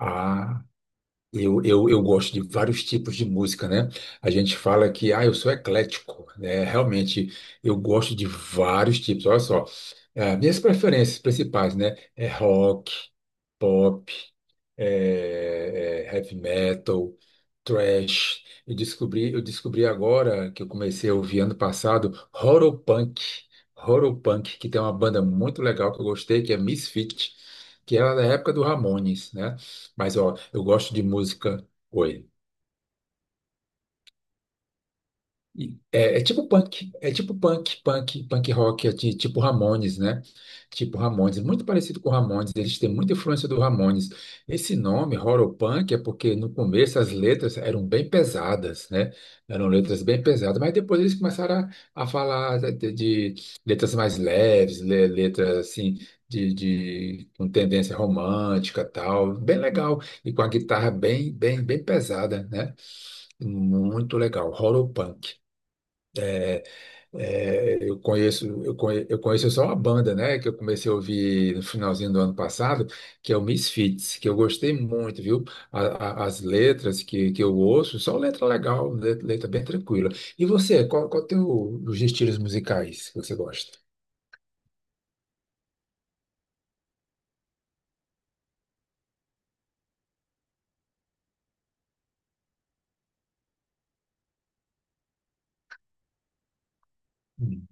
Ah, eu gosto de vários tipos de música, né? A gente fala que, eu sou eclético, né? Realmente, eu gosto de vários tipos. Olha só, minhas preferências principais, né? É rock, pop, heavy metal, thrash. Eu descobri agora, que eu comecei a ouvir ano passado, Horopunk. Horopunk, que tem uma banda muito legal que eu gostei, que é Misfit, que era da época do Ramones, né? Mas, ó, eu gosto de música. Oi. É tipo punk, punk, punk rock, tipo Ramones, né? Tipo Ramones, muito parecido com Ramones, eles têm muita influência do Ramones. Esse nome, horror punk, é porque no começo as letras eram bem pesadas, né? Eram letras bem pesadas, mas depois eles começaram a falar de letras mais leves, letras assim, de com tendência romântica e tal, bem legal, e com a guitarra bem, bem, bem pesada, né? Muito legal, Horopunk. É, eu conheço só uma banda, né, que eu comecei a ouvir no finalzinho do ano passado, que é o Misfits, que eu gostei muito, viu? As letras que eu ouço, só letra legal, letra, bem tranquila. E você, qual teu, os estilos musicais que você gosta? Hum.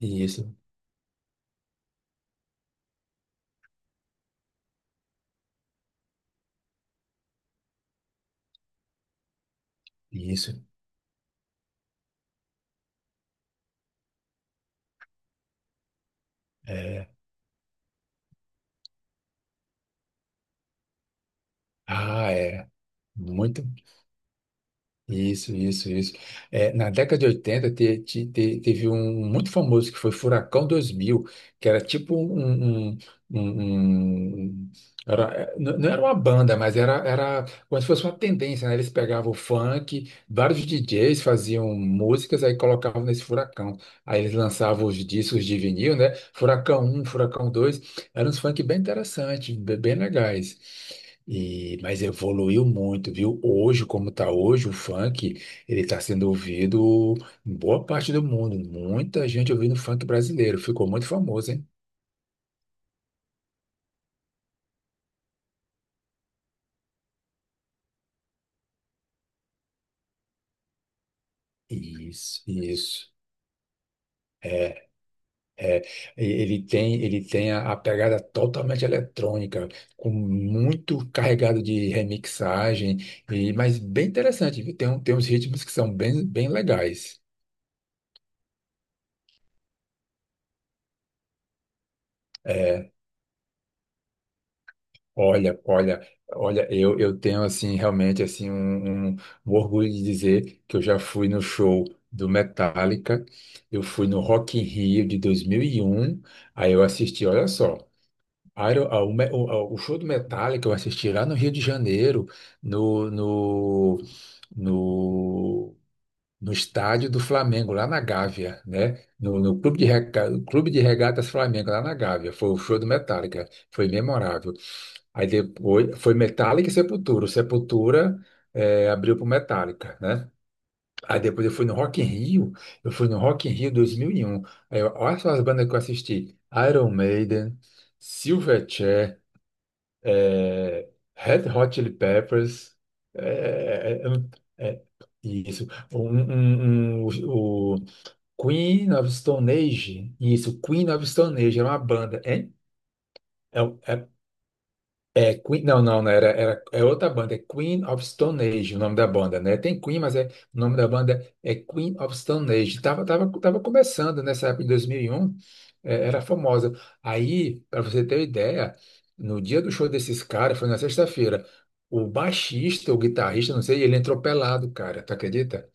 Isso, isso. Ah, é. Muito. Isso, isso, isso. É, na década de 80 teve um muito famoso que foi Furacão 2000, que era tipo um, não não era uma banda, mas era, era como se fosse uma tendência, né? Eles pegavam o funk, vários DJs faziam músicas, aí colocavam nesse Furacão. Aí eles lançavam os discos de vinil, né? Furacão um, Furacão dois, eram uns funk bem interessantes, bem legais. E, mas evoluiu muito, viu? Hoje, como está hoje, o funk, ele está sendo ouvido em boa parte do mundo. Muita gente ouvindo funk brasileiro. Ficou muito famoso, hein? Isso, isso. Ele tem a pegada totalmente eletrônica, com muito carregado de remixagem, e, mas bem interessante, viu? Tem, tem uns ritmos que são bem, bem legais. É, olha, olha, olha, eu tenho assim realmente assim um orgulho de dizer que eu já fui no show do Metallica, eu fui no Rock in Rio de 2001, aí eu assisti, olha só, Iron- a- o, Me- o- ah, o show do Metallica eu assisti lá no Rio de Janeiro, no, no, no no estádio do Flamengo, lá na Gávea, né? No Clube de Regatas Flamengo, lá na Gávea. Foi o show do Metallica, foi memorável. Aí depois foi Metallica e Sepultura. O Sepultura abriu para o Metallica, né? Aí depois eu fui no Rock in Rio, eu fui no Rock in Rio 2001. Olha só as bandas que eu assisti: Iron Maiden, Silverchair, é, Red Hot Chili Peppers, é, é, é, um, é, isso, um- um- o Queen of Stone Age, isso, Queen of Stone Age, era uma banda, hein? É, é é Queen, não, não, não, era, era, é outra banda, é Queen of Stone Age o nome da banda, né? Tem Queen, o nome da banda é Queen of Stone Age. Tava começando nessa época, em 2001, era famosa. Aí, para você ter uma ideia, no dia do show desses caras, foi na sexta-feira, o baixista, o guitarrista, não sei, ele entrou pelado, cara, tu acredita?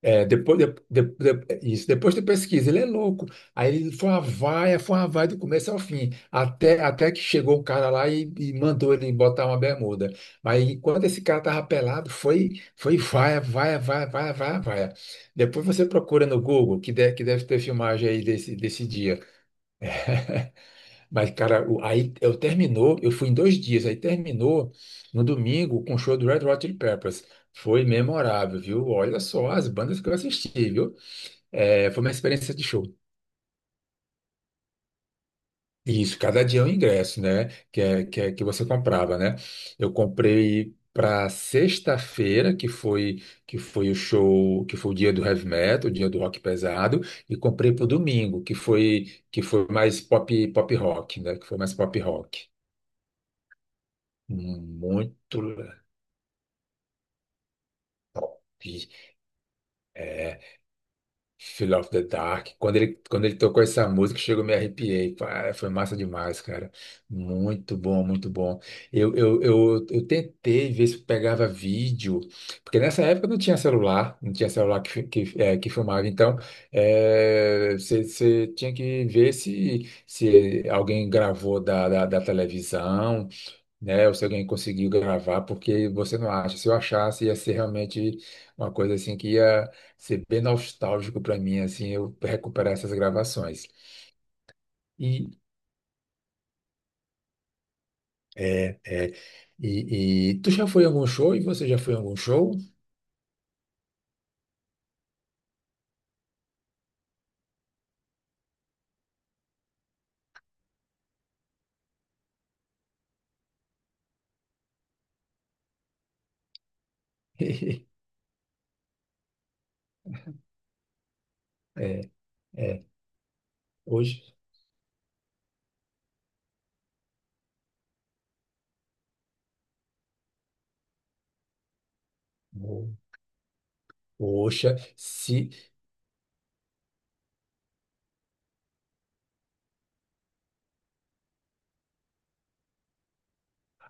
É, depois isso, depois de pesquisa, ele é louco. Aí ele foi uma vaia do começo ao fim, até que chegou um cara lá e mandou ele botar uma bermuda. Mas enquanto esse cara tava pelado, foi vaia, vaia, vaia, vaia, vaia, vaia. Depois você procura no Google, que deve ter filmagem aí desse dia. Mas, cara, o- aí eu terminou, eu fui em dois dias, aí terminou no domingo com o show do Red Hot Chili Peppers. Foi memorável, viu? Olha só as bandas que eu assisti, viu? É, foi uma experiência de show. Isso, cada dia é um ingresso, né? Que você comprava, né? Eu comprei para sexta-feira, que foi o show, que foi o dia do heavy metal, o dia do rock pesado, e comprei para o domingo, que foi mais pop rock, né? Que foi mais pop rock. Muito top. Fear of the Dark. Quando ele tocou essa música, chegou, me arrepiei. Ah, foi massa demais, cara. Muito bom, muito bom. Eu tentei ver se pegava vídeo, porque nessa época não tinha celular, não tinha celular que, que filmava. Então, você tinha que ver se, se alguém gravou da televisão, né? Ou se alguém conseguiu gravar, porque você não acha. Se eu achasse, ia ser realmente uma coisa assim que ia ser bem nostálgico para mim, assim, eu recuperar essas gravações. E é. E tu já foi a algum show? E você já foi a algum show? É, é. Hoje. Ho- Poxa, se.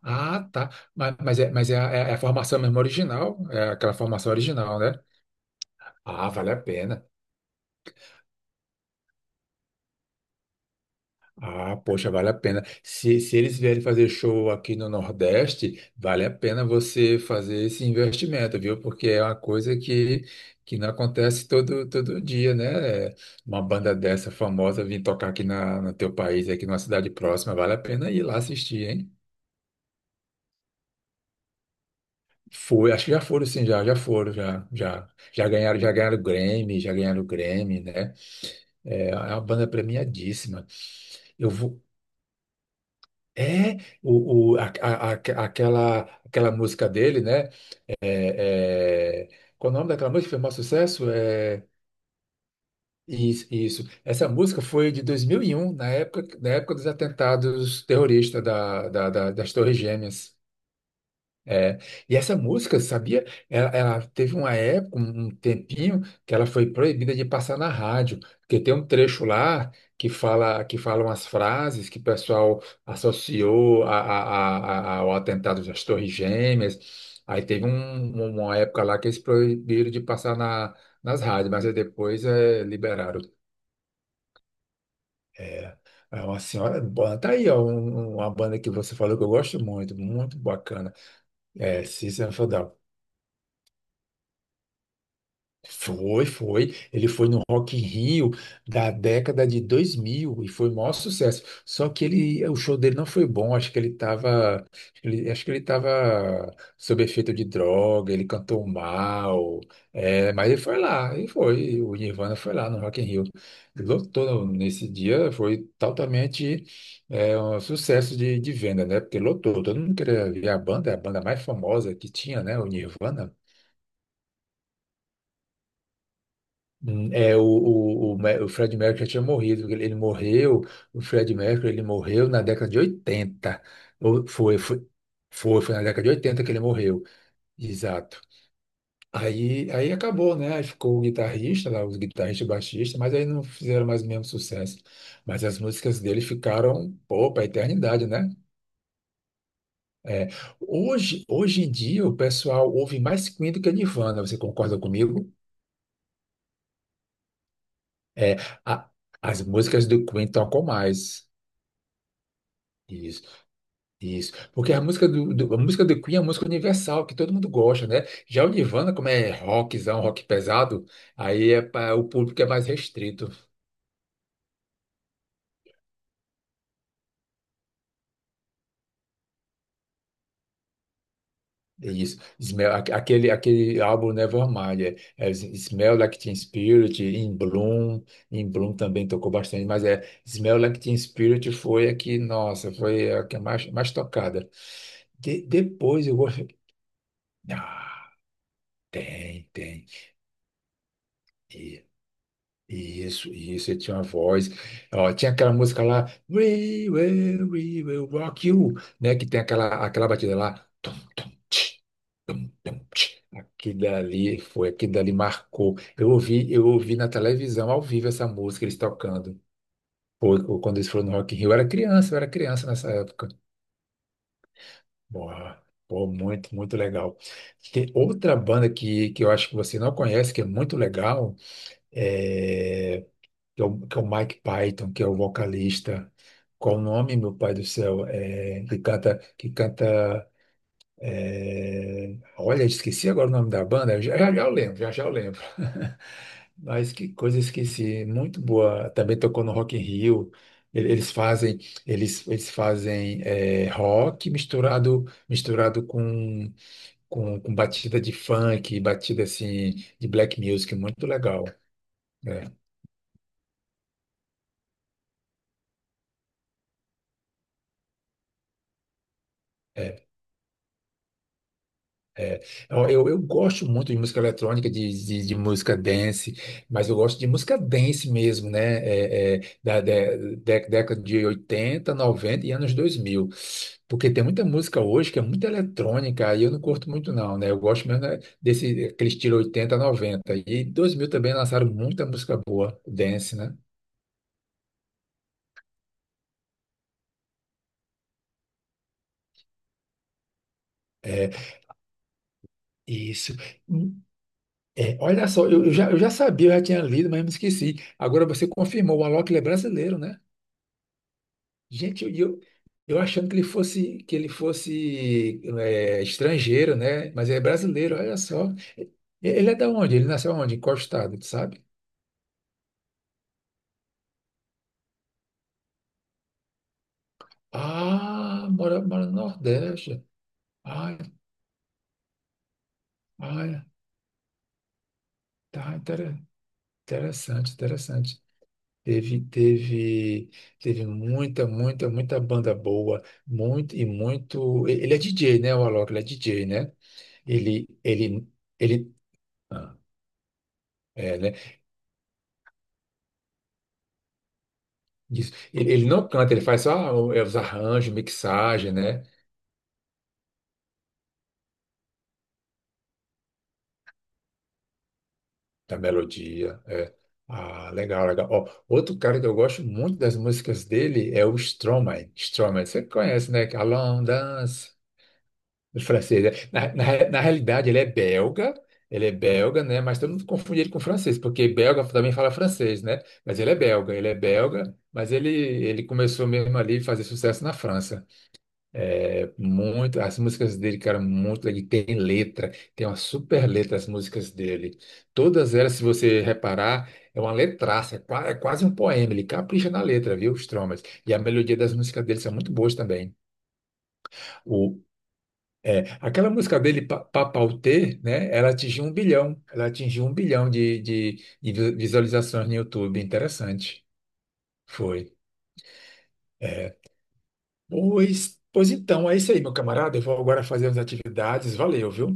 Ah, tá. Mas é a formação mesmo original, é aquela formação original, né? Ah, vale a pena. Ah, poxa, vale a pena. Se eles vierem fazer show aqui no Nordeste, vale a pena você fazer esse investimento, viu? Porque é uma coisa que não acontece todo dia, né? Uma banda dessa famosa vir tocar aqui no teu país, aqui numa cidade próxima, vale a pena ir lá assistir, hein? Foi, acho que já foram sim, já ganharam o Grammy, já ganharam o Grammy, né? É, é uma banda premiadíssima. Eu vou, É, o, a- aquela, Aquela música dele, né? É, é, qual o nome daquela música que foi o maior sucesso? Isso, isso. Essa música foi de 2001 na época dos atentados terroristas das Torres Gêmeas. É, e essa música, sabia? Ela teve uma época, um tempinho, que ela foi proibida de passar na rádio, porque tem um trecho lá que falam as frases que o pessoal associou ao atentado das Torres Gêmeas. Aí teve uma época lá que eles proibiram de passar nas rádios, mas aí depois liberaram. É, é uma senhora banda. Tá aí, ó, uma banda que você falou que eu gosto muito, muito bacana. É, System of a Down. Foi, foi. Ele foi no Rock in Rio da década de 2000 e foi o maior sucesso. Só que ele, o show dele não foi bom. Acho que ele estava, acho que ele estava sob efeito de droga. Ele cantou mal. É, mas ele foi lá, ele foi. O Nirvana foi lá no Rock in Rio. Lotou nesse dia. Foi totalmente um sucesso de venda, né? Porque lotou. Todo mundo queria ver a banda, é a banda mais famosa que tinha, né? O Nirvana. O Fred Mercury já tinha morrido, porque ele morreu, o Fred Mercury, ele morreu na década de 80. Ou foi, foi, foi, Foi na década de 80 que ele morreu, exato. Aí acabou, né? Aí ficou o guitarrista lá, os guitarristas, e baixista, mas aí não fizeram mais o mesmo sucesso. Mas as músicas dele ficaram, pô, pra eternidade, né? É, hoje em dia o pessoal ouve mais Queen do que Nirvana, você concorda comigo? É, a- As músicas do Queen tocam mais. Isso, isso. Porque a música a música do Queen é uma música universal, que todo mundo gosta, né? Já o Nirvana, como é rockzão, rock pesado, aí é para o público é mais restrito. Isso. Aquele álbum Nevermind, é Smell Like Teen Spirit, In Bloom, In Bloom também tocou bastante, mas é Smell Like Teen Spirit foi a que, nossa, foi a que é mais, mais tocada. Depois eu gosto. Ah, tem, tem. Isso, ele tinha uma voz. Ó, tinha aquela música lá, We Will, We Will Rock You, né? Que tem aquela, aquela batida lá. Tum, tum, tch, tum, tum, tch. Aquilo dali foi, aquilo dali marcou. Eu ouvi na televisão ao vivo essa música, eles tocando. Foi quando eles foram no Rock in Rio. Eu era criança nessa época. Boa, pô, muito, muito legal. Tem outra banda que eu acho que você não conhece, que é muito legal. é que é o Mike Python, que é o vocalista. Qual o nome, meu pai do céu? Que canta, que canta. Olha, esqueci agora o nome da banda. Já eu lembro, já eu lembro. Mas que coisa, esqueci. Muito boa. Também tocou no Rock in Rio. Eles fazem, eles fazem rock misturado misturado com batida de funk, batida assim de black music, muito legal, né? Ó, eu gosto muito de música eletrônica, de música dance, mas eu gosto de música dance mesmo, né? Década de 80, 90 e anos dois mil. Porque tem muita música hoje que é muito eletrônica, aí eu não curto muito não, né? Eu gosto mesmo né, desse aquele estilo 80, noventa. E dois mil também lançaram muita música boa, dance, né? Isso. Hum, olha só, eu já sabia, eu já tinha lido, mas me esqueci. Agora você confirmou, o Alok ele é brasileiro, né? Gente, eu achando que ele fosse estrangeiro, né? Mas é brasileiro, olha só. E- Ele é da onde? Ele nasceu onde? Em qual estado, tu sabe? Ah, mora, mora no Nordeste. Ah, olha, tá inter- interessante, interessante. Teve, teve, Teve muita, muita, muita banda boa, muito e muito. Ele é DJ, né, o Alok? Ele é DJ, né? Ele, ele, ele. ah, né? Isso. Ele não canta, ele faz só os arranjos, mixagem, né? Da melodia. É. Ah, legal, legal. Ó, outro cara que eu gosto muito das músicas dele é o Stromae. Stromae, você conhece, né? Alone Dance, do francês, né? Na realidade, ele é belga, né? Mas todo mundo confunde ele com francês, porque belga também fala francês, né? Mas ele é belga, mas ele começou mesmo ali a fazer sucesso na França. As músicas dele, cara, muito, ele tem letra, tem uma super letra as músicas dele. Todas elas, se você reparar, é uma letraça, é quase um poema, ele capricha na letra, viu, Stromae? E a melodia das músicas dele são muito boas também. O, Aquela música dele, Papauté, né, ela atingiu 1 bilhão, ela atingiu um bilhão de visualizações no YouTube, interessante. Foi. É, pois, pois então, é isso aí, meu camarada, eu vou agora fazer as atividades, valeu, viu?